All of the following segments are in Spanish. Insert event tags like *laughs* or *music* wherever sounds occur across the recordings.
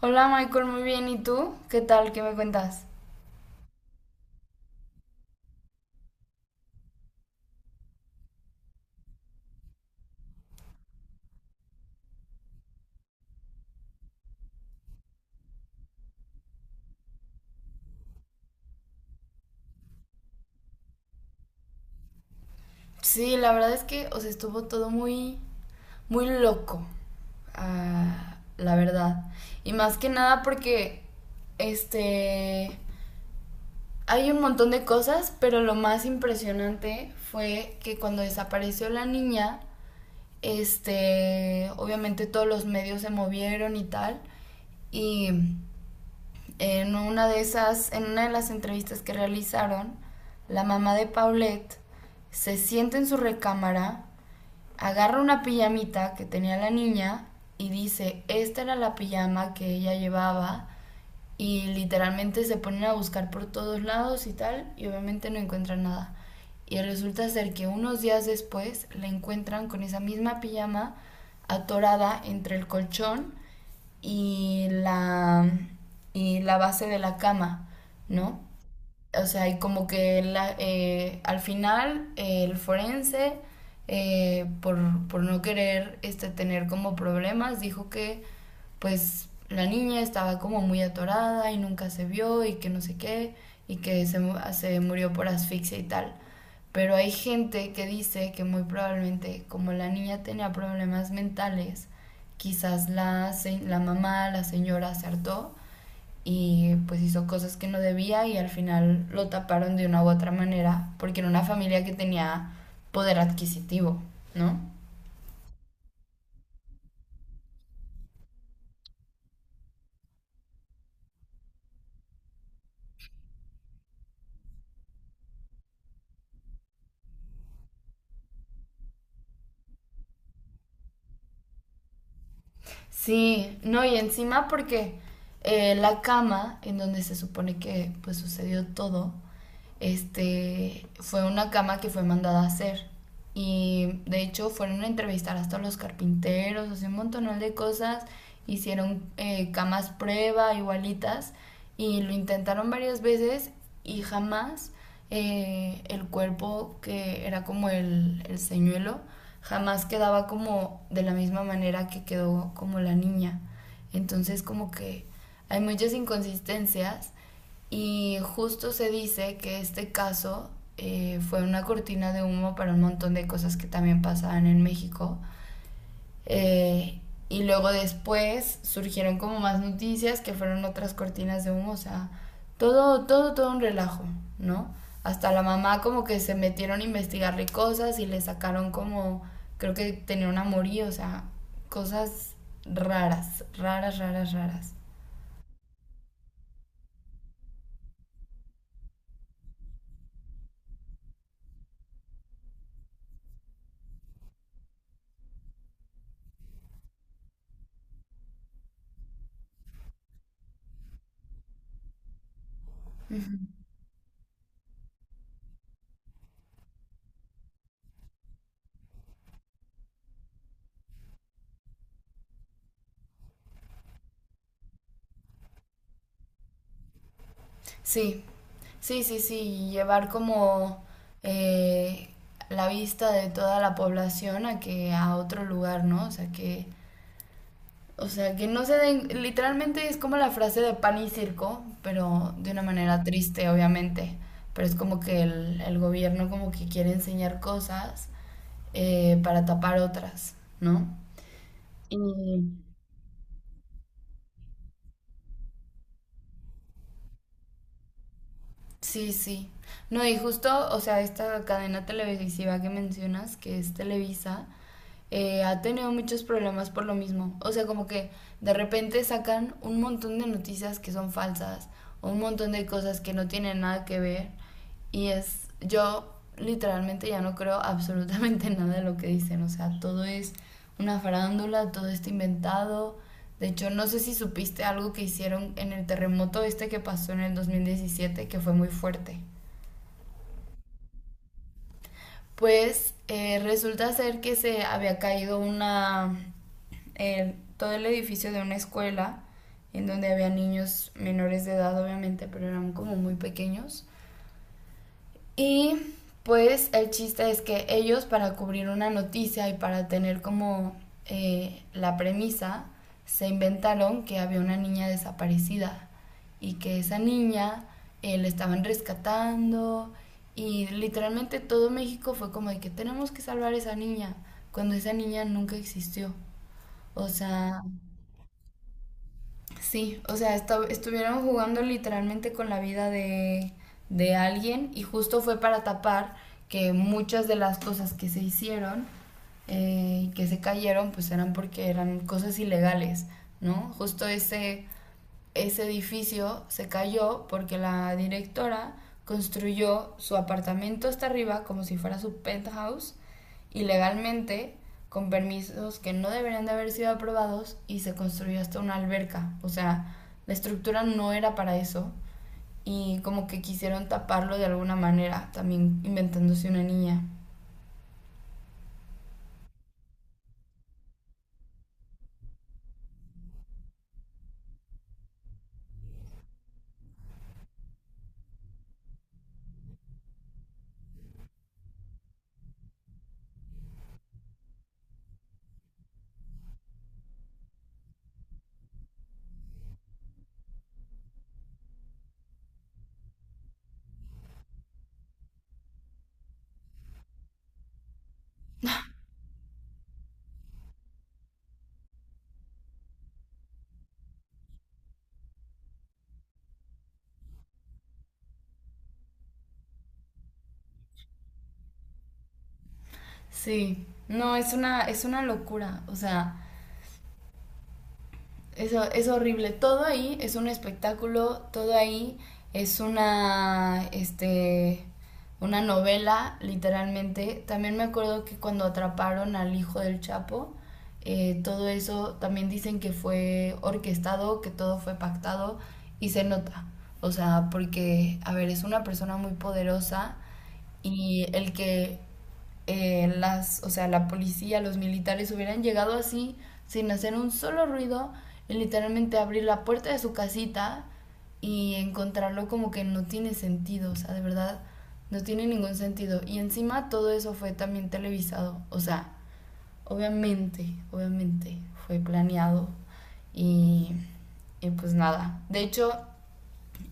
Hola Michael, muy bien. ¿Y tú? ¿Qué tal? ¿Qué me cuentas? Sí, la verdad es que, o sea, estuvo todo muy, muy loco, la verdad. Y más que nada porque, este, hay un montón de cosas, pero lo más impresionante fue que cuando desapareció la niña, obviamente todos los medios se movieron y tal, y en una de esas, en una de las entrevistas que realizaron, la mamá de Paulette se sienta en su recámara, agarra una pijamita que tenía la niña y dice, esta era la pijama que ella llevaba y literalmente se ponen a buscar por todos lados y tal y obviamente no encuentran nada. Y resulta ser que unos días después la encuentran con esa misma pijama atorada entre el colchón y la, y la base de la cama, ¿no? O sea, y como que al final el forense, eh, por, por no querer tener como problemas, dijo que pues la niña estaba como muy atorada y nunca se vio y que no sé qué, y que se murió por asfixia y tal. Pero hay gente que dice que muy probablemente, como la niña tenía problemas mentales, quizás la mamá, la señora, se hartó y pues hizo cosas que no debía y al final lo taparon de una u otra manera porque era una familia que tenía poder adquisitivo, ¿no? Sí, no, y encima porque la cama en donde se supone que pues sucedió todo fue una cama que fue mandada a hacer. Y de hecho fueron a entrevistar hasta los carpinteros, así un montón de cosas. Hicieron camas prueba, igualitas, y lo intentaron varias veces y jamás el cuerpo que era como el señuelo, jamás quedaba como de la misma manera que quedó como la niña. Entonces como que hay muchas inconsistencias y justo se dice que este caso fue una cortina de humo para un montón de cosas que también pasaban en México. Eh, y luego después surgieron como más noticias que fueron otras cortinas de humo, o sea, todo, todo, todo un relajo, ¿no? Hasta la mamá como que se metieron a investigarle cosas y le sacaron como, creo que tenía un amorío, o sea, cosas raras, raras, raras, raras. Sí, sí, sí, sí, y llevar como eh, la vista de toda la población a que a otro lugar, ¿no? O sea que no se den, literalmente es como la frase de pan y circo, pero de una manera triste, obviamente. Pero es como que el gobierno como que quiere enseñar cosas para tapar otras, ¿no? Y sí, sí. No, y justo, o sea, esta cadena televisiva que mencionas, que es Televisa, ha tenido muchos problemas por lo mismo. O sea, como que de repente sacan un montón de noticias que son falsas, un montón de cosas que no tienen nada que ver. Y es, yo literalmente ya no creo absolutamente *laughs* nada de lo que dicen. O sea, todo es una farándula, todo está inventado. De hecho, no sé si supiste algo que hicieron en el terremoto este que pasó en el 2017, que fue muy fuerte. Pues resulta ser que se había caído una todo el edificio de una escuela en donde había niños menores de edad, obviamente, pero eran como muy pequeños. Y pues el chiste es que ellos para cubrir una noticia y para tener como la premisa, se inventaron que había una niña desaparecida y que esa niña la estaban rescatando y literalmente todo México fue como de que tenemos que salvar a esa niña cuando esa niña nunca existió. O sea, sí, o sea, estuvieron jugando literalmente con la vida de alguien y justo fue para tapar que muchas de las cosas que se hicieron y que se cayeron pues eran porque eran cosas ilegales, ¿no? Justo ese, ese edificio se cayó porque la directora construyó su apartamento hasta arriba como si fuera su penthouse ilegalmente con permisos que no deberían de haber sido aprobados y se construyó hasta una alberca. O sea, la estructura no era para eso y como que quisieron taparlo de alguna manera, también inventándose una niña. Sí, no, es una locura. O sea, eso es horrible. Todo ahí es un espectáculo, todo ahí es una, una novela, literalmente. También me acuerdo que cuando atraparon al hijo del Chapo, todo eso también dicen que fue orquestado, que todo fue pactado y se nota. O sea, porque, a ver, es una persona muy poderosa y el que o sea, la policía, los militares hubieran llegado así, sin hacer un solo ruido, y literalmente abrir la puerta de su casita y encontrarlo como que no tiene sentido, o sea, de verdad, no tiene ningún sentido. Y encima todo eso fue también televisado, o sea, obviamente, obviamente, fue planeado y, y pues nada. De hecho,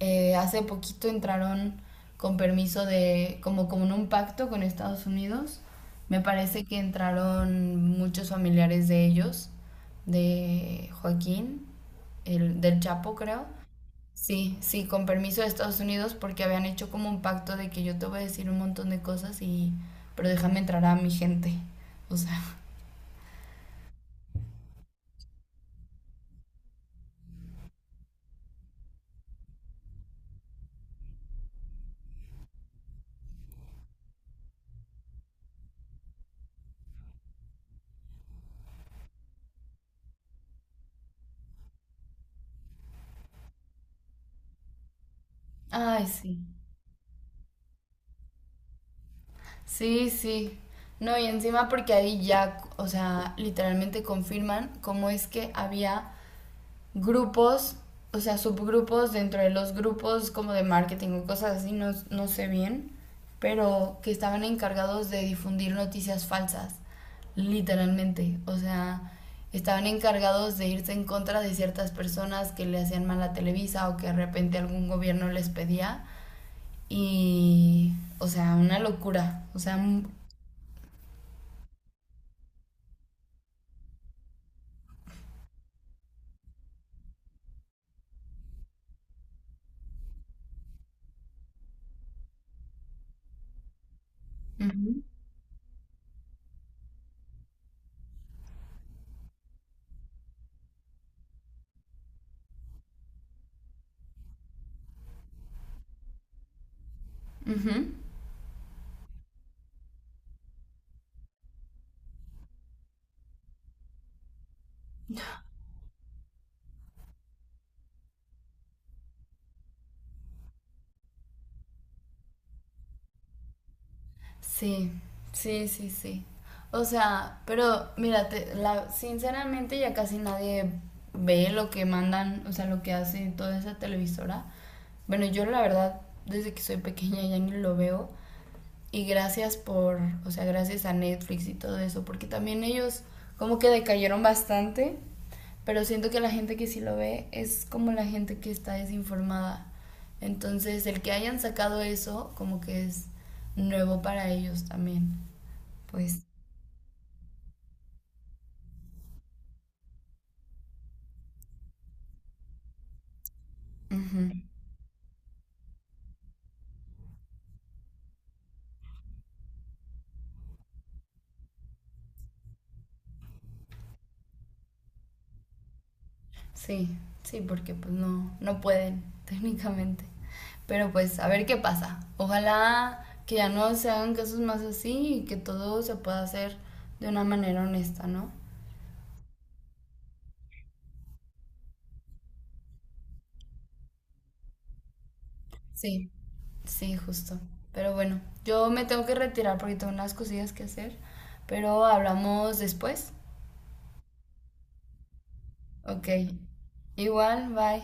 hace poquito entraron con permiso de, como, como en un pacto con Estados Unidos. Me parece que entraron muchos familiares de ellos, de Joaquín, del Chapo, creo. Sí, sí, con permiso de Estados Unidos porque habían hecho como un pacto de que yo te voy a decir un montón de cosas y, pero déjame entrar a mi gente. O sea, *laughs* ay, sí. Sí, sí. No, y encima porque ahí ya, o sea, literalmente confirman cómo es que había grupos, o sea, subgrupos dentro de los grupos como de marketing o cosas así, no, no sé bien, pero que estaban encargados de difundir noticias falsas, literalmente. O sea, estaban encargados de irse en contra de ciertas personas que le hacían mal a Televisa o que de repente algún gobierno les pedía. Y, o sea, una locura. O sea, un- ujú, ujú. Sí, sí, sí, sí. O sea, pero mira, sinceramente ya casi nadie ve lo que mandan, o sea, lo que hace toda esa televisora. Bueno, yo la verdad, desde que soy pequeña ya ni lo veo, y gracias por, o sea, gracias a Netflix y todo eso, porque también ellos como que decayeron bastante, pero siento que la gente que sí lo ve es como la gente que está desinformada. Entonces, el que hayan sacado eso como que es nuevo para ellos también. Pues, ujú. Sí, sí, porque pues no, no pueden *laughs* técnicamente. Pero pues a ver qué pasa. Ojalá que ya no se hagan casos más así y que todo se pueda hacer de una manera honesta, ¿no? Sí, sí, justo. Pero bueno, yo me tengo que retirar porque tengo unas cosillas que hacer, pero hablamos después. Ok, igual, bye.